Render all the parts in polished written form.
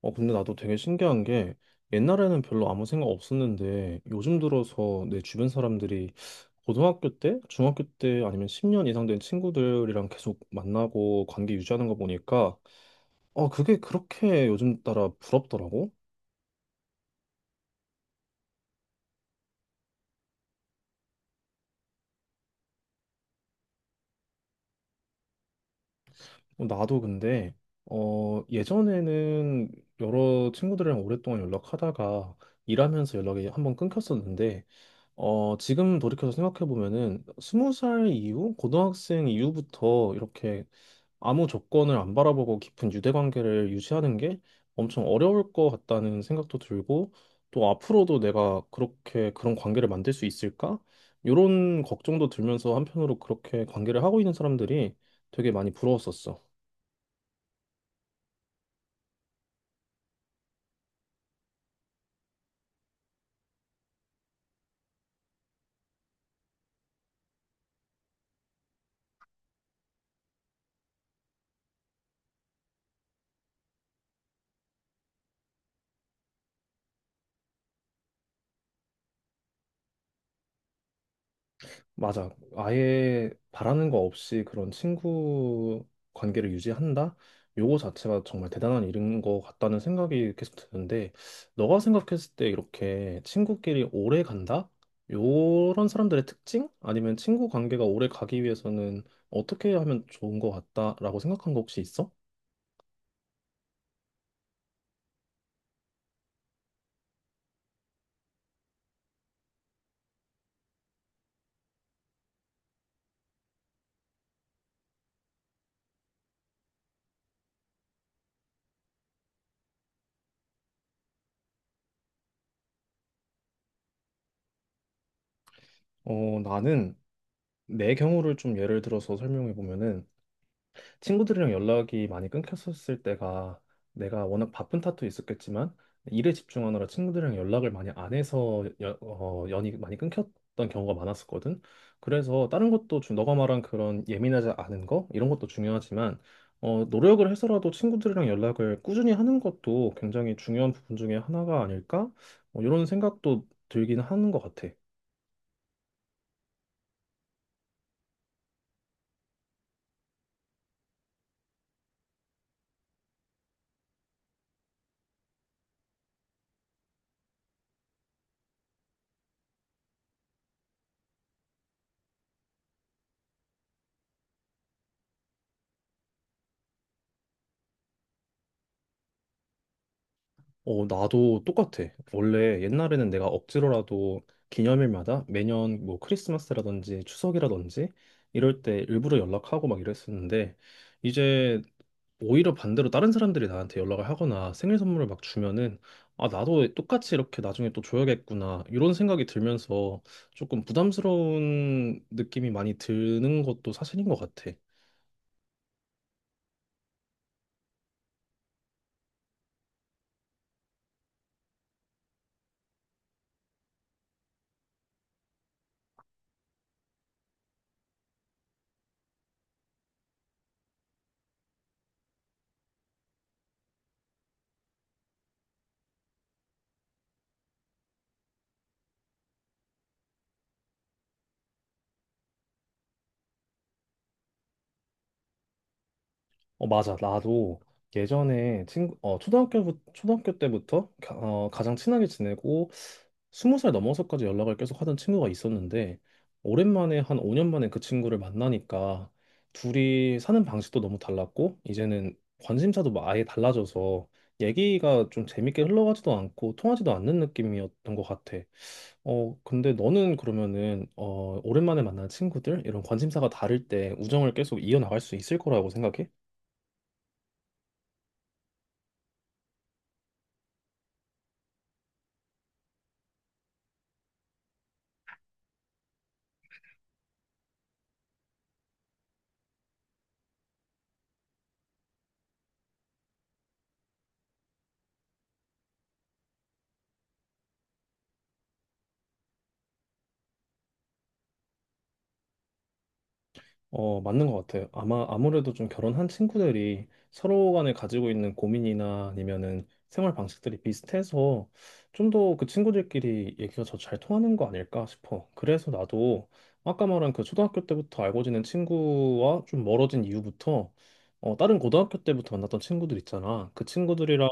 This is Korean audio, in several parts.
근데 나도 되게 신기한 게 옛날에는 별로 아무 생각 없었는데 요즘 들어서 내 주변 사람들이 고등학교 때, 중학교 때 아니면 10년 이상 된 친구들이랑 계속 만나고 관계 유지하는 거 보니까 그게 그렇게 요즘 따라 부럽더라고. 나도 근데 예전에는 여러 친구들이랑 오랫동안 연락하다가 일하면서 연락이 한번 끊겼었는데 지금 돌이켜서 생각해보면은 20살 이후, 고등학생 이후부터 이렇게 아무 조건을 안 바라보고 깊은 유대 관계를 유지하는 게 엄청 어려울 것 같다는 생각도 들고 또 앞으로도 내가 그렇게 그런 관계를 만들 수 있을까? 이런 걱정도 들면서 한편으로 그렇게 관계를 하고 있는 사람들이 되게 많이 부러웠었어. 맞아. 아예 바라는 거 없이 그런 친구 관계를 유지한다? 요거 자체가 정말 대단한 일인 것 같다는 생각이 계속 드는데, 너가 생각했을 때 이렇게 친구끼리 오래 간다? 요런 사람들의 특징? 아니면 친구 관계가 오래 가기 위해서는 어떻게 하면 좋은 것 같다라고 생각한 거 혹시 있어? 나는 내 경우를 좀 예를 들어서 설명해 보면은, 친구들이랑 연락이 많이 끊겼었을 때가 내가 워낙 바쁜 탓도 있었겠지만 일에 집중하느라 친구들이랑 연락을 많이 안 해서 연이 많이 끊겼던 경우가 많았었거든. 그래서 다른 것도 너가 말한 그런 예민하지 않은 거 이런 것도 중요하지만 노력을 해서라도 친구들이랑 연락을 꾸준히 하는 것도 굉장히 중요한 부분 중에 하나가 아닐까? 뭐 이런 생각도 들긴 하는 것 같아. 나도 똑같아. 원래 옛날에는 내가 억지로라도 기념일마다 매년 뭐 크리스마스라든지 추석이라든지 이럴 때 일부러 연락하고 막 이랬었는데 이제 오히려 반대로 다른 사람들이 나한테 연락을 하거나 생일 선물을 막 주면은 아, 나도 똑같이 이렇게 나중에 또 줘야겠구나 이런 생각이 들면서 조금 부담스러운 느낌이 많이 드는 것도 사실인 것 같아. 맞아. 나도 예전에 초등학교 때부터 가장 친하게 지내고 20살 넘어서까지 연락을 계속 하던 친구가 있었는데 오랜만에 한 5년 만에 그 친구를 만나니까 둘이 사는 방식도 너무 달랐고 이제는 관심사도 막 아예 달라져서 얘기가 좀 재밌게 흘러가지도 않고 통하지도 않는 느낌이었던 것 같아. 근데 너는 그러면은 오랜만에 만난 친구들 이런 관심사가 다를 때 우정을 계속 이어나갈 수 있을 거라고 생각해? 맞는 것 같아요. 아마 아무래도 좀 결혼한 친구들이 서로 간에 가지고 있는 고민이나 아니면은 생활 방식들이 비슷해서 좀 더 그 친구들끼리 얘기가 더 잘 통하는 거 아닐까 싶어. 그래서 나도 아까 말한 그 초등학교 때부터 알고 지낸 친구와 좀 멀어진 이유부터 다른 고등학교 때부터 만났던 친구들 있잖아. 그 친구들이랑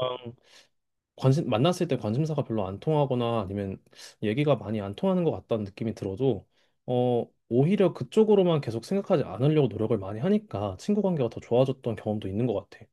만났을 때 관심사가 별로 안 통하거나 아니면 얘기가 많이 안 통하는 것 같다는 느낌이 들어도, 오히려 그쪽으로만 계속 생각하지 않으려고 노력을 많이 하니까 친구 관계가 더 좋아졌던 경험도 있는 것 같아.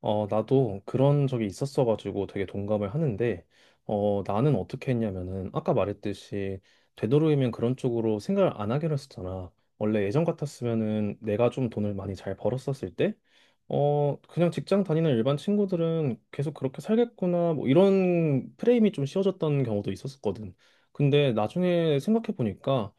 나도 그런 적이 있었어가지고 되게 동감을 하는데, 나는 어떻게 했냐면은, 아까 말했듯이, 되도록이면 그런 쪽으로 생각을 안 하기로 했었잖아. 원래 예전 같았으면은 내가 좀 돈을 많이 잘 벌었었을 때, 그냥 직장 다니는 일반 친구들은 계속 그렇게 살겠구나, 뭐 이런 프레임이 좀 씌워졌던 경우도 있었었거든. 근데 나중에 생각해보니까,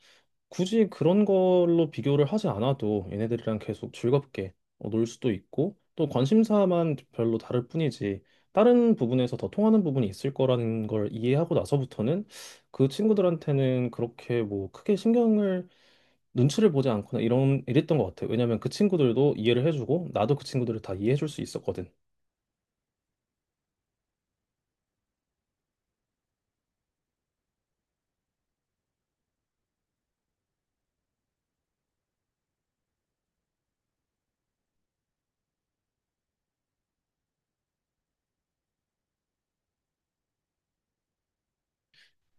굳이 그런 걸로 비교를 하지 않아도 얘네들이랑 계속 즐겁게 놀 수도 있고 또 관심사만 별로 다를 뿐이지 다른 부분에서 더 통하는 부분이 있을 거라는 걸 이해하고 나서부터는 그 친구들한테는 그렇게 뭐 크게 신경을 눈치를 보지 않거나 이런 이랬던 것 같아요. 왜냐면 그 친구들도 이해를 해주고 나도 그 친구들을 다 이해해줄 수 있었거든.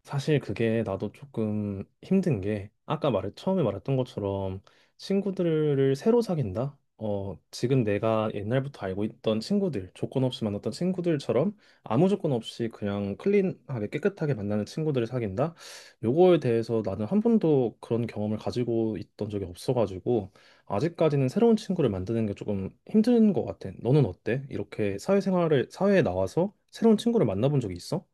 사실 그게 나도 조금 힘든 게 아까 말 처음에 말했던 것처럼 친구들을 새로 사귄다. 지금 내가 옛날부터 알고 있던 친구들, 조건 없이 만났던 친구들처럼 아무 조건 없이 그냥 클린하게 깨끗하게 만나는 친구들을 사귄다. 요거에 대해서 나는 한 번도 그런 경험을 가지고 있던 적이 없어가지고 아직까지는 새로운 친구를 만드는 게 조금 힘든 것 같아. 너는 어때? 이렇게 사회생활을 사회에 나와서 새로운 친구를 만나본 적이 있어?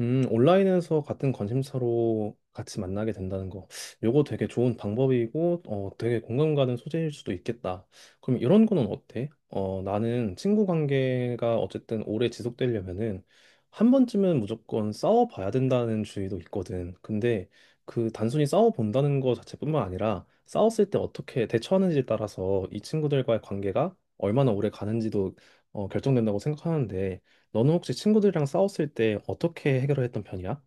온라인에서 같은 관심사로 같이 만나게 된다는 거. 요거 되게 좋은 방법이고, 되게 공감 가는 소재일 수도 있겠다. 그럼 이런 거는 어때? 나는 친구 관계가 어쨌든 오래 지속되려면은 한 번쯤은 무조건 싸워봐야 된다는 주의도 있거든. 근데 그 단순히 싸워본다는 거 자체뿐만 아니라 싸웠을 때 어떻게 대처하는지에 따라서 이 친구들과의 관계가 얼마나 오래 가는지도 결정된다고 생각하는데, 너는 혹시 친구들이랑 싸웠을 때 어떻게 해결했던 편이야?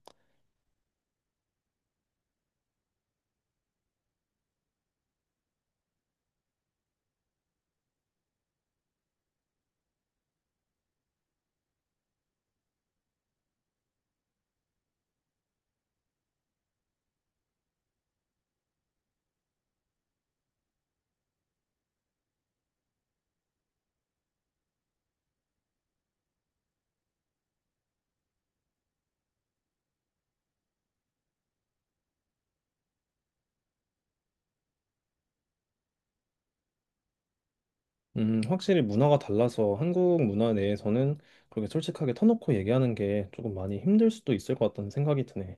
확실히 문화가 달라서 한국 문화 내에서는 그렇게 솔직하게 터놓고 얘기하는 게 조금 많이 힘들 수도 있을 것 같다는 생각이 드네.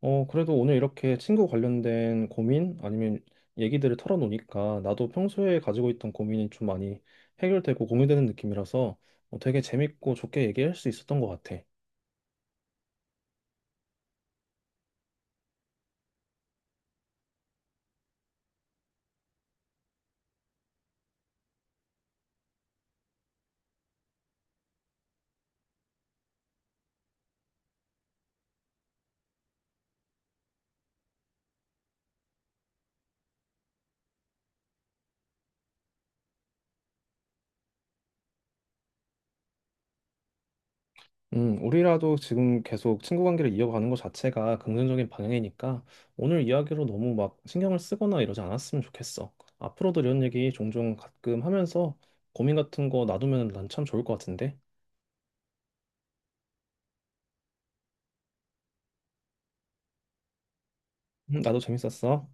그래도 오늘 이렇게 친구 관련된 고민 아니면 얘기들을 털어놓으니까 나도 평소에 가지고 있던 고민이 좀 많이 해결되고 공유되는 느낌이라서 되게 재밌고 좋게 얘기할 수 있었던 것 같아. 우리라도 지금 계속 친구 관계를 이어가는 것 자체가 긍정적인 방향이니까 오늘 이야기로 너무 막 신경을 쓰거나 이러지 않았으면 좋겠어. 앞으로도 이런 얘기 종종 가끔 하면서 고민 같은 거 놔두면 난 참 좋을 것 같은데. 나도 재밌었어.